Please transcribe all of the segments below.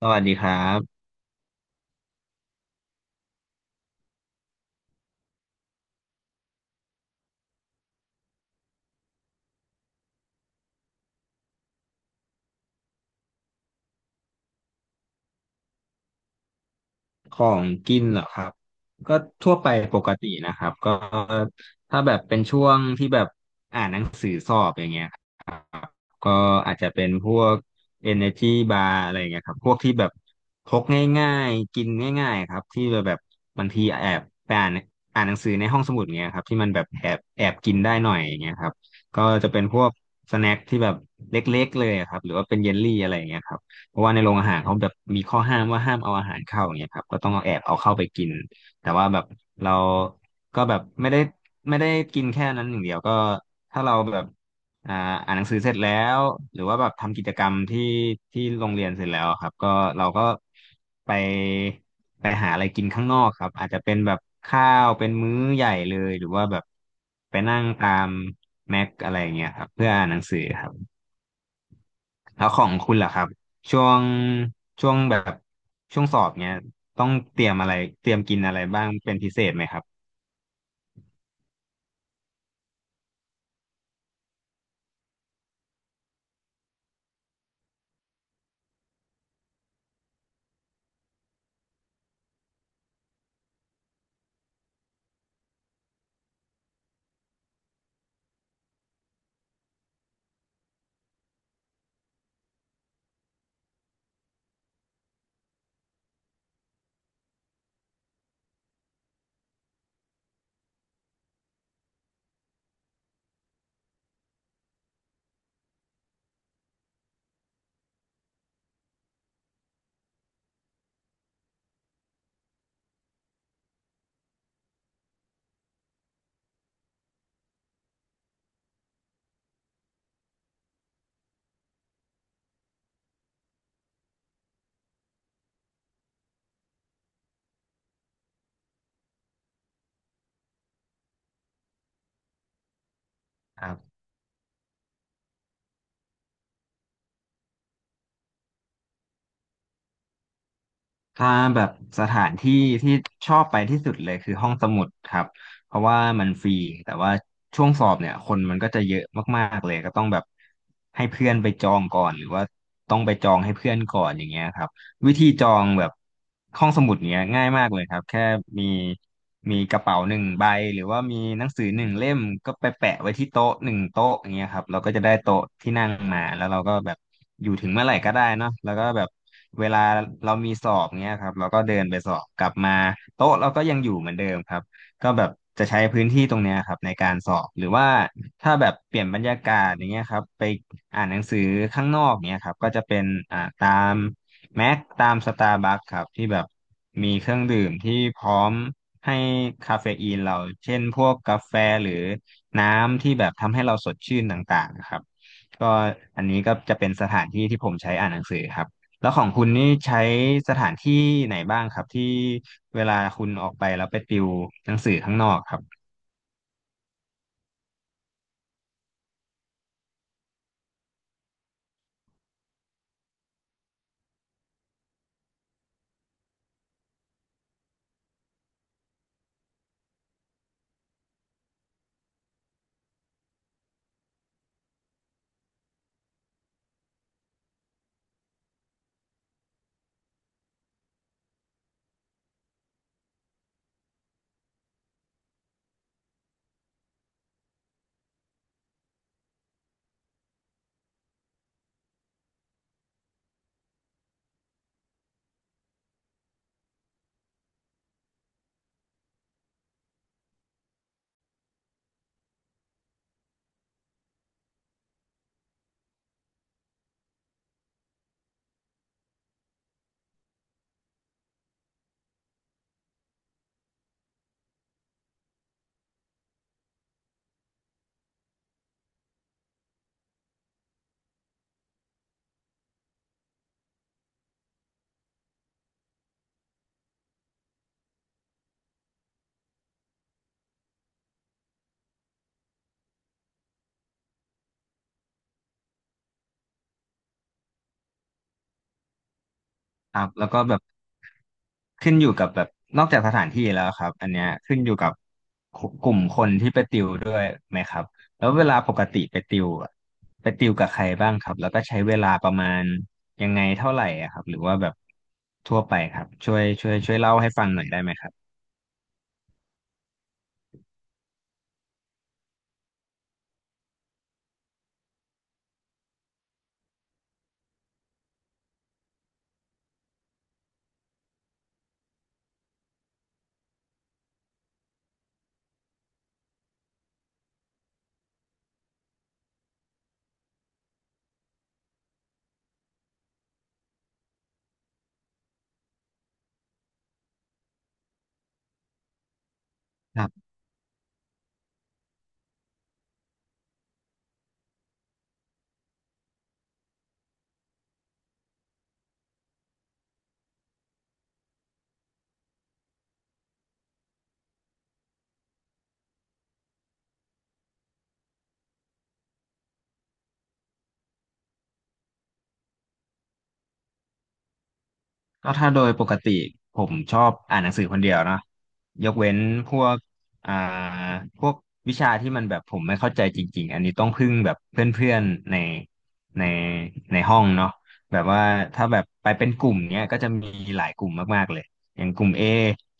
สวัสดีครับของกินเหรอครับก็ทั่วไปปกตินะครับก็ถ้าแบบเป็นช่วงที่แบบอ่านหนังสือสอบอย่างเงี้ยครับก็อาจจะเป็นพวก Energy Bar อะไรอย่างเงี้ยครับพวกที่แบบพกง่ายๆกินง่ายๆครับที่แบบบางทีแอบไปอ่านหนังสือในห้องสมุดเงี้ยครับที่มันแบบแอบกินได้หน่อยอย่างเงี้ยครับก็จะเป็นพวกสแน็คที่แบบเล็กๆเลยอะครับหรือว่าเป็นเยลลี่อะไรอย่างเงี้ยครับ เพราะว่าในโรงอาหารเขาแบบมีข้อห้ามว่าห้ามเอาอาหารเข้าอย่างเงี้ยครับก็ต้องเอาแอบเอาเข้าไปกินแต่ว่าแบบเราก็แบบไม่ได้กินแค่นั้นอย่างเดียวก็ถ้าเราแบบอ่าอ่านหนังสือเสร็จแล้วหรือว่าแบบทำกิจกรรมที่โรงเรียนเสร็จแล้วครับก็เราก็ไปไปหาอะไรกินข้างนอกครับอาจจะเป็นแบบข้าวเป็นมื้อใหญ่เลยหรือว่าแบบไปนั่งตามแม็กอะไรอย่างเงี้ยครับเพื่ออ่านหนังสือครับ แล้วของคุณล่ะครับช่วงช่วงแบบช่วงสอบเนี้ยต้องเตรียมอะไรเตรียมกินอะไรบ้างเป็นพิเศษไหมครับครับถ้าแบบสถานที่ที่ชอบไปที่สุดเลยคือห้องสมุดครับเพราะว่ามันฟรีแต่ว่าช่วงสอบเนี่ยคนมันก็จะเยอะมากๆเลยก็ต้องแบบให้เพื่อนไปจองก่อนหรือว่าต้องไปจองให้เพื่อนก่อนอย่างเงี้ยครับ วิธีจองแบบห้องสมุดเนี้ยง่ายมากเลยครับแค่มีมีกระเป๋าหนึ่งใบหรือว่ามีหนังสือหนึ่งเล่มก็ไปแปะไว้ที่โต๊ะหนึ่งโต๊ะอย่างเงี้ยครับเราก็จะได้โต๊ะที่นั่งมาแล้วเราก็แบบอยู่ถึงเมื่อไหร่ก็ได้เนาะแล้วก็แบบเวลาเรามีสอบเงี้ยครับเราก็เดินไปสอบกลับมาโต๊ะเราก็ยังอยู่เหมือนเดิมครับก็แบบจะใช้พื้นที่ตรงเนี้ยครับในการสอบหรือว่าถ้าแบบเปลี่ยนบรรยากาศอย่างเงี้ยครับไปอ่านหนังสือข้างนอกเนี้ยครับก็จะเป็นตาม แม็กตามสตาร์บัคครับที่แบบมีเครื่องดื่มที่พร้อมให้คาเฟอีนเราเช่นพวกกาแฟหรือน้ำที่แบบทำให้เราสดชื่นต่างๆนะครับก็อันนี้ก็จะเป็นสถานที่ที่ผมใช้อ่านหนังสือครับแล้วของคุณนี่ใช้สถานที่ไหนบ้างครับที่เวลาคุณออกไปแล้วไปติวหนังสือข้างนอกครับ ครับแล้วก็แบบขึ้นอยู่กับแบบนอกจากสถานที่แล้วครับอันเนี้ยขึ้นอยู่กับกลุ่มคนที่ไปติวด้วยไหมครับแล้วเวลาปกติไปติวอะไปติวกับใครบ้างครับแล้วก็ใช้เวลาประมาณยังไงเท่าไหร่อะครับหรือว่าแบบทั่วไปครับช่วยเล่าให้ฟังหน่อยได้ไหมครับ ก็ถ้าโดยปกติผมชอบอ่านหนังสือคนเดียวเนอะยกเว้นพวกอ่าพวกวิชาที่มันแบบผมไม่เข้าใจจริงๆอันนี้ต้องพึ่งแบบเพื่อนๆในในห้องเนาะแบบว่าถ้าแบบไปเป็นกลุ่มเนี้ยก็จะมีหลายกลุ่มมากๆเลยอย่างกลุ่ม A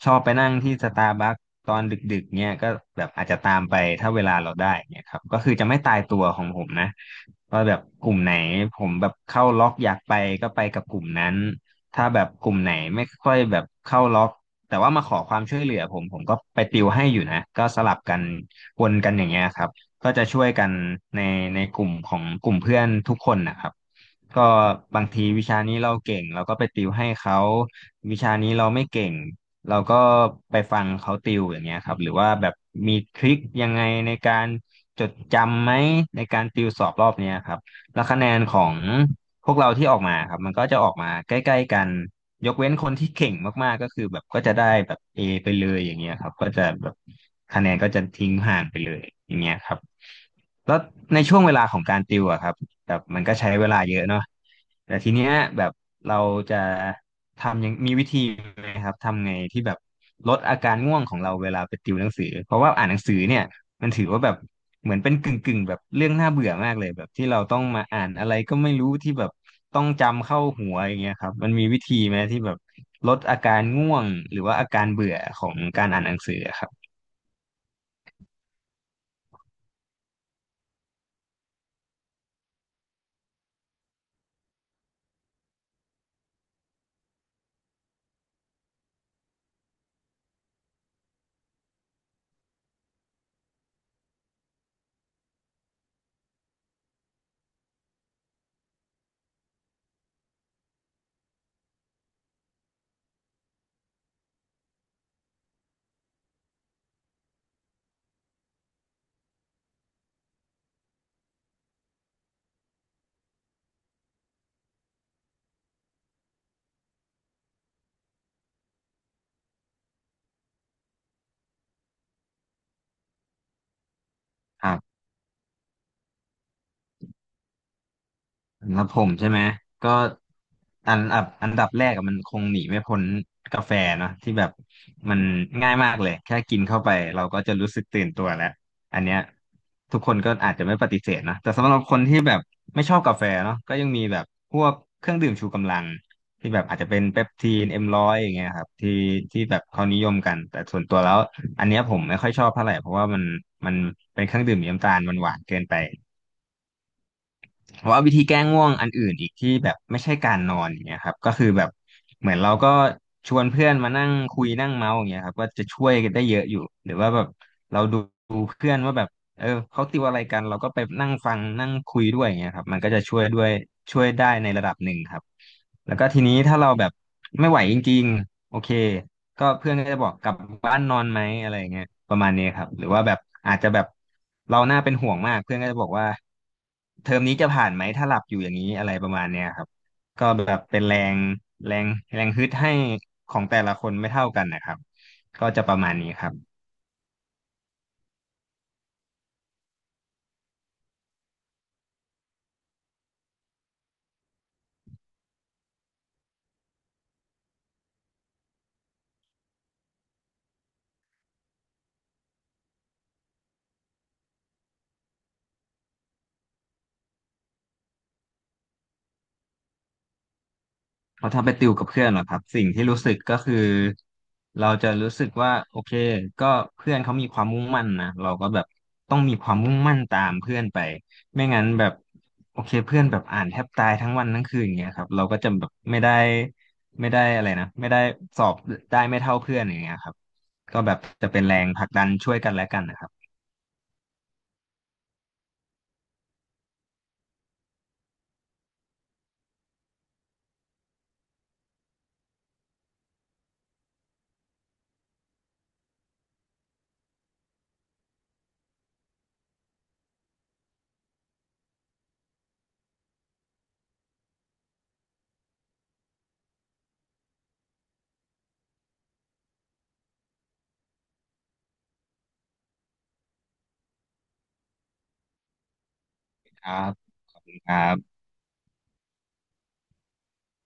ชอบไปนั่งที่สตาร์บัคตอนดึกๆเนี้ยก็แบบอาจจะตามไปถ้าเวลาเราได้เนี้ยครับก็คือจะไม่ตายตัวของผมนะว่าแบบกลุ่มไหนผมแบบเข้าล็อกอยากไปก็ไปกับกลุ่มนั้น ถ้าแบบกลุ่มไหนไม่ค่อยแบบเข้าล็อกแต่ว่ามาขอความช่วยเหลือผมก็ไปติวให้อยู่นะก็สลับกันวนกันอย่างเงี้ยครับก็จะช่วยกันในในกลุ่มของกลุ่มเพื่อนทุกคนนะครับก็บางทีวิชานี้เราเก่งเราก็ไปติวให้เขาวิชานี้เราไม่เก่งเราก็ไปฟังเขาติวอย่างเงี้ยครับหรือว่าแบบมีทริคยังไงในการจดจำไหมในการติวสอบรอบเนี้ยครับแล้วคะแนนของ พวกเราที่ออกมาครับมันก็จะออกมาใกล้ๆกันยกเว้นคนที่เก่งมากๆก็คือแบบก็จะได้แบบ A ไปเลยอย่างเงี้ยครับก็จะแบบคะแนนก็จะทิ้งห่างไปเลยอย่างเงี้ยครับแล้วในช่วงเวลาของการติวอะครับแบบมันก็ใช้เวลาเยอะเนาะแต่ทีเนี้ยแบบเราจะทำยังมีวิธีไหมครับทำไงที่แบบลดอาการง่วงของเราเวลาไปติวหนังสือเพราะว่าอ่านหนังสือเนี่ยมันถือว่าแบบ เหมือนเป็นกึ่งแบบเรื่องน่าเบื่อมากเลยแบบที่เราต้องมาอ่านอะไรก็ไม่รู้ที่แบบต้องจำเข้าหัวอย่างเงี้ยครับมันมีวิธีไหมที่แบบลดอาการง่วงหรือว่าอาการเบื่อของการอ่านหนังสืออะครับครับ สำหรับผมใช่ไหมก็อันอันดับแรกอะมันคงหนีไม่พ้นกาแฟเนาะที่แบบมันง่ายมากเลยแค่กินเข้าไปเราก็จะรู้สึกตื่นตัวแล้วอันเนี้ยทุกคนก็อาจจะไม่ปฏิเสธนะแต่สำหรับคนที่แบบไม่ชอบกาแฟเนาะก็ยังมีแบบพวกเครื่องดื่มชูกำลังที่แบบอาจจะเป็นเปปทีนเอ็มร้อยอย่างเงี้ยครับที่แบบเขานิยมกันแต่ส่วนตัวแล้วอันเนี้ยผมไม่ค่อยชอบเท่าไหร่เพราะว่ามันเป็นเครื่องดื่มมีน้ำตาลมันหวานเกินไป แต่ว่าวิธีแก้ง่วงอันอื่นอีกที่แบบไม่ใช่การนอนอย่างเงี้ยครับก็คือแบบเหมือนเราก็ชวนเพื่อนมานั่งคุยนั่งเมาส์อย่างเงี้ยครับก็จะช่วยกันได้เยอะอยู่หรือว่าแบบเราดูเพื่อนว่าแบบเออเขาติวอะไรกันเราก็ไปนั่งฟังนั่งคุยด้วยอย่างเงี้ยครับมันก็จะช่วยได้ในระดับหนึ่งครับแล้วก็ทีนี้ถ้าเราแบบไม่ไหวจริงๆโอเค ก็เพื่อนก็จะบอกกลับบ้านนอนไหมอะไรอย่างเงี้ยประมาณนี้ครับหรือว่าแบบอาจจะแบบเราน่าเป็นห่วงมากเพื่อนก็จะบอกว่าเทอมนี้จะผ่านไหมถ้าหลับอยู่อย่างนี้อะไรประมาณเนี้ยครับก็แบบเป็นแรงแรงแรงฮึดให้ของแต่ละคนไม่เท่ากันนะครับก็จะประมาณนี้ครับ เพราะถ้าไปติวกับเพื่อนเหรอครับสิ่งที่รู้สึกก็คือเราจะรู้สึกว่าโอเคก็เพื่อนเขามีความมุ่งมั่นนะเราก็แบบต้องมีความมุ่งมั่นตามเพื่อนไปไม่งั้นแบบโอเคเพื่อนแบบอ่านแทบตายทั้งวันทั้งคืนอย่างเงี้ยครับเราก็จะแบบไม่ได้สอบได้ไม่เท่าเพื่อนอย่างเงี้ยครับก็แบบจะเป็นแรงผลักดันช่วยกันและกันนะครับครับ